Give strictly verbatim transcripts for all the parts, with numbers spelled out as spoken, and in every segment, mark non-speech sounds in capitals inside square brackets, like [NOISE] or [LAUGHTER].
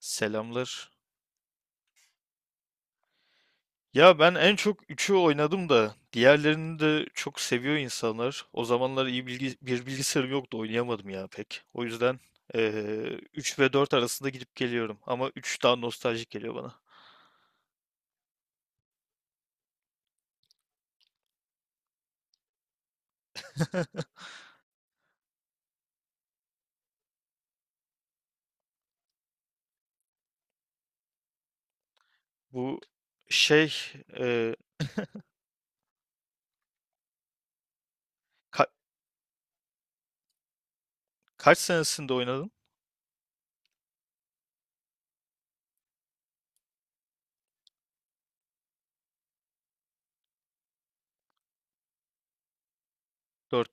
Selamlar. Ya ben en çok üçü oynadım da diğerlerini de çok seviyor insanlar. O zamanlar iyi bilgi, bir bilgisayarım yoktu oynayamadım ya pek. O yüzden eee üç ve dört arasında gidip geliyorum. Ama üç daha nostaljik geliyor bana. [LAUGHS] Bu şey eee, ka- kaç senesinde oynadın? Dört,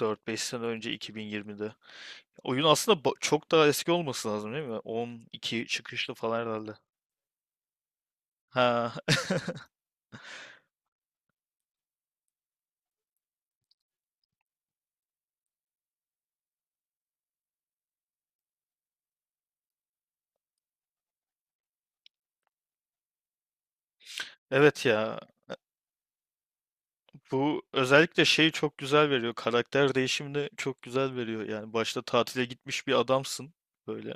dört beş sene önce iki bin yirmide. Oyun aslında ba- çok daha eski olması lazım değil mi? On iki çıkışlı falan herhalde. Ha, [LAUGHS] evet ya. Bu özellikle şeyi çok güzel veriyor. Karakter değişimini çok güzel veriyor. Yani başta tatile gitmiş bir adamsın. Böyle.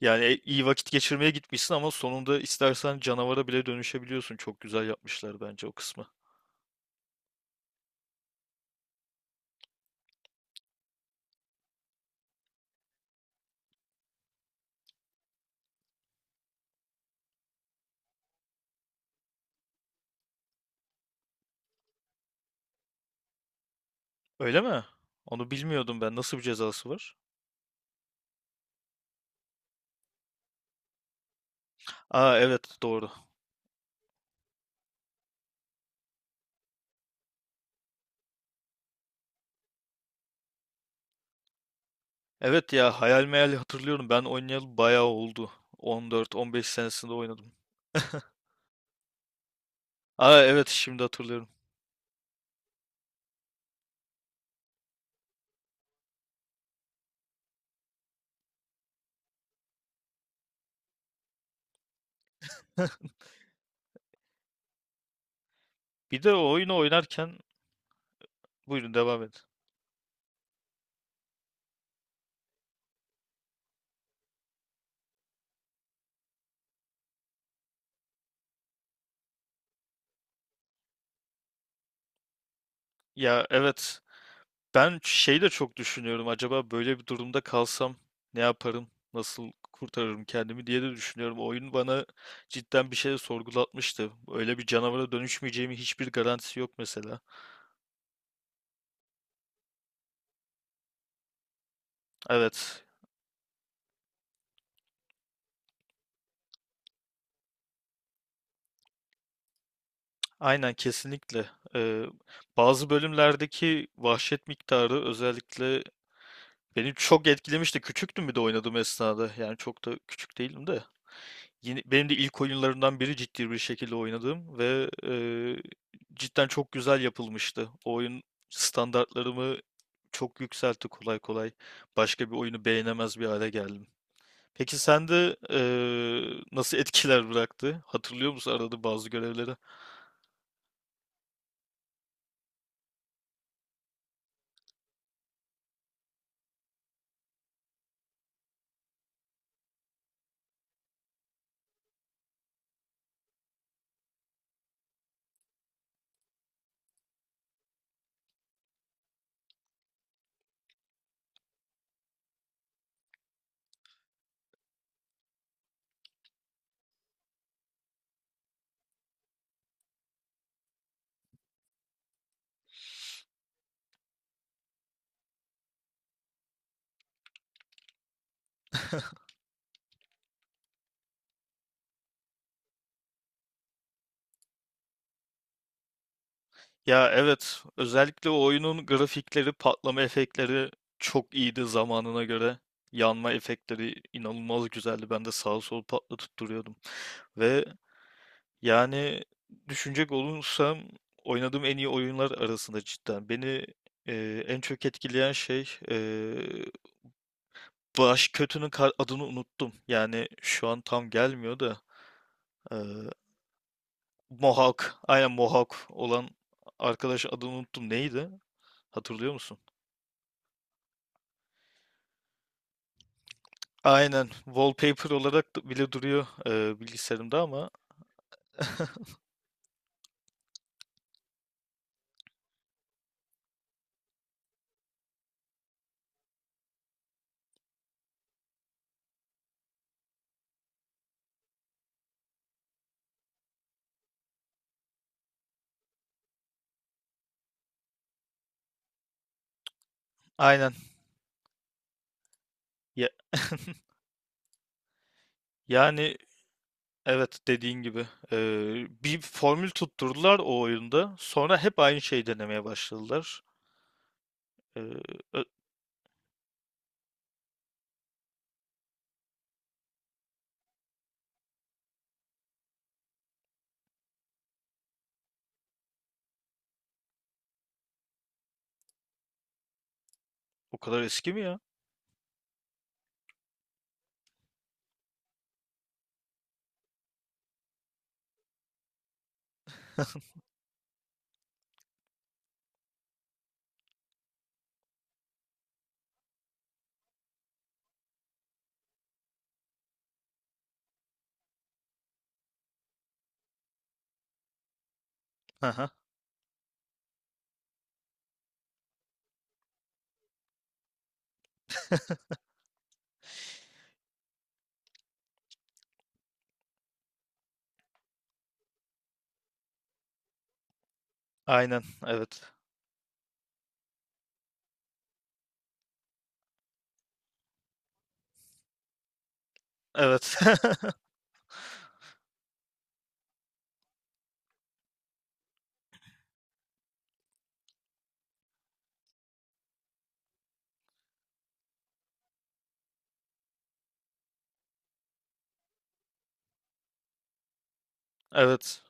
Yani e- iyi vakit geçirmeye gitmişsin ama sonunda istersen canavara bile dönüşebiliyorsun. Çok güzel yapmışlar bence o kısmı. Öyle mi? Onu bilmiyordum ben. Nasıl bir cezası var? Aa, evet, doğru. Evet ya, hayal meyal hatırlıyorum. Ben oynayalı bayağı oldu. on dört on beş senesinde oynadım. [LAUGHS] Aa, evet, şimdi hatırlıyorum. [LAUGHS] Bir de o oyunu oynarken buyurun devam edin. Ya evet, ben şey de çok düşünüyorum. Acaba böyle bir durumda kalsam ne yaparım? Nasıl kurtarırım kendimi diye de düşünüyorum. Oyun bana cidden bir şey sorgulatmıştı. Öyle bir canavara dönüşmeyeceğimi hiçbir garantisi yok mesela. Evet. Aynen, kesinlikle. Ee, bazı bölümlerdeki vahşet miktarı özellikle beni çok etkilemişti. Küçüktüm bir de oynadığım esnada. Yani çok da küçük değilim de. Yine, benim de ilk oyunlarımdan biri ciddi bir şekilde oynadığım ve e, cidden çok güzel yapılmıştı. O oyun standartlarımı çok yükseltti kolay kolay. Başka bir oyunu beğenemez bir hale geldim. Peki sende eee, nasıl etkiler bıraktı? Hatırlıyor musun arada bazı görevleri? Ya evet, özellikle o oyunun grafikleri, patlama efektleri çok iyiydi zamanına göre. Yanma efektleri inanılmaz güzeldi. Ben de sağa sola patlatıp duruyordum. Ve yani, düşünecek olursam oynadığım en iyi oyunlar arasında cidden. Beni e, en çok etkileyen şey, e, baş kötünün kar- adını unuttum. Yani şu an tam gelmiyor da e, Mohawk, aynen Mohawk olan arkadaş adını unuttum. Neydi? Hatırlıyor musun? Aynen wallpaper olarak da- bile duruyor e, bilgisayarımda ama aynen. Ya. [LAUGHS] Yani, evet, dediğin gibi. Eee, bir formül tutturdular o oyunda. Sonra hep aynı şeyi denemeye başladılar. Eee, ö- o kadar eski mi ya? Aha, aynen, evet. Evet. [LAUGHS] Evet.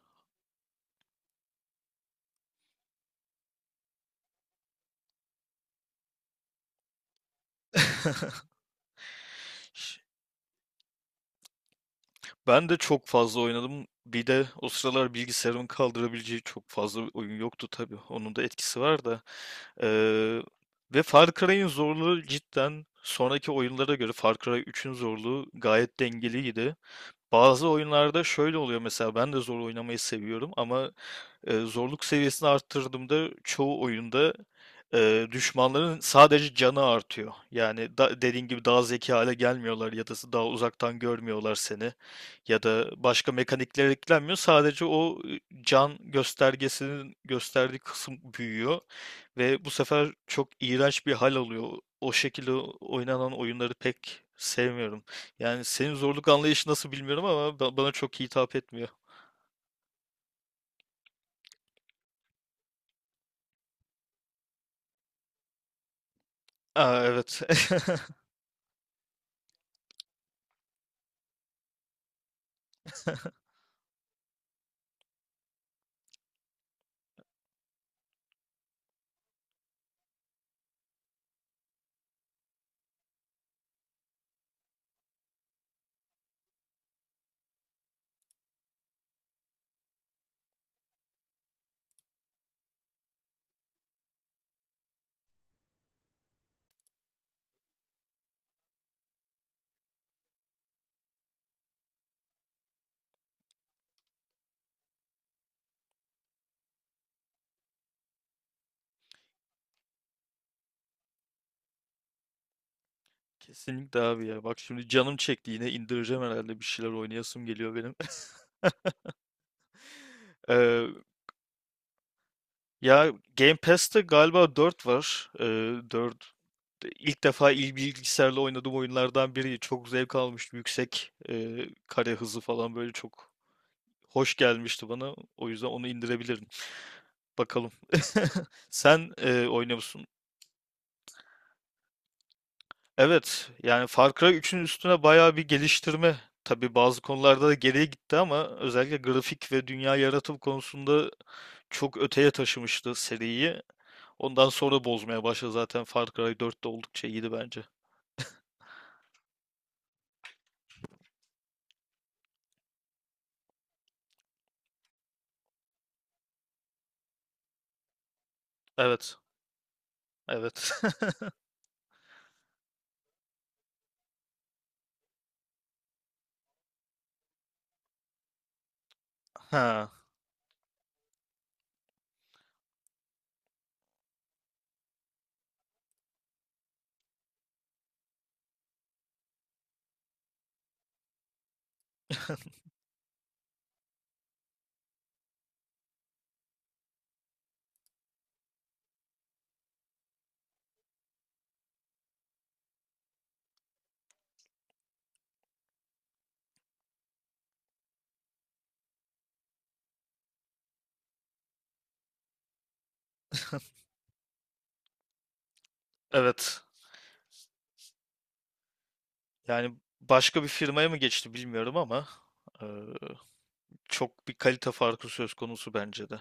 [LAUGHS] Ben de çok fazla oynadım. Bir de o sıralar bilgisayarımın kaldırabileceği çok fazla oyun yoktu tabii. Onun da etkisi var da. Eee, ve Far Cry'in zorluğu cidden sonraki oyunlara göre Far Cry üçün zorluğu gayet dengeliydi. Bazı oyunlarda şöyle oluyor mesela ben de zor oynamayı seviyorum ama e, zorluk seviyesini arttırdığımda çoğu oyunda e, düşmanların sadece canı artıyor. Yani da, dediğin gibi daha zeki hale gelmiyorlar ya da daha uzaktan görmüyorlar seni ya da başka mekanikler eklenmiyor. Sadece o e, can göstergesinin gösterdiği kısım büyüyor ve bu sefer çok iğrenç bir hal alıyor. O şekilde oynanan oyunları pek sevmiyorum. Yani senin zorluk anlayışı nasıl bilmiyorum ama ba- bana çok hitap etmiyor. Aa, evet. [LAUGHS] Kesinlikle abi ya. Bak şimdi canım çekti yine indireceğim herhalde bir şeyler oynayasım geliyor benim. [LAUGHS] Eee, ya, Game Pass'te galiba dört var. Eee dört ilk defa il bilgisayarla oynadığım oyunlardan biri. Çok zevk almıştım. Yüksek eee, kare hızı falan böyle çok hoş gelmişti bana. O yüzden onu indirebilirim. Bakalım. [LAUGHS] Sen eee oynuyor musun? Evet, yani Far Cry üçün üstüne bayağı bir geliştirme. Tabii bazı konularda da geriye gitti ama özellikle grafik ve dünya yaratım konusunda çok öteye taşımıştı seriyi. Ondan sonra bozmaya başladı zaten Far Cry dört de oldukça iyiydi bence. Evet, evet. [LAUGHS] Ha, evet. Yani başka bir firmaya mı geçti bilmiyorum ama eee, çok bir kalite farkı söz konusu bence de.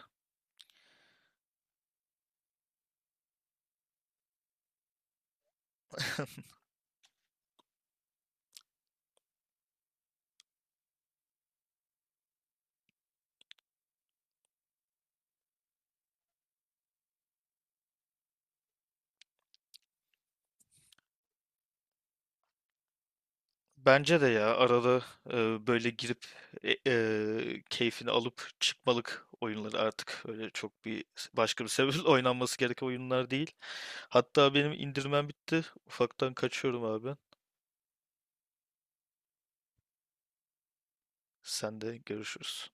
Bence de ya arada e, böyle girip e, e, keyfini alıp çıkmalık oyunları artık öyle çok bir başka bir sebeple [LAUGHS] oynanması gereken oyunlar değil. Hatta benim indirmem bitti. Ufaktan kaçıyorum abi. Sen de görüşürüz.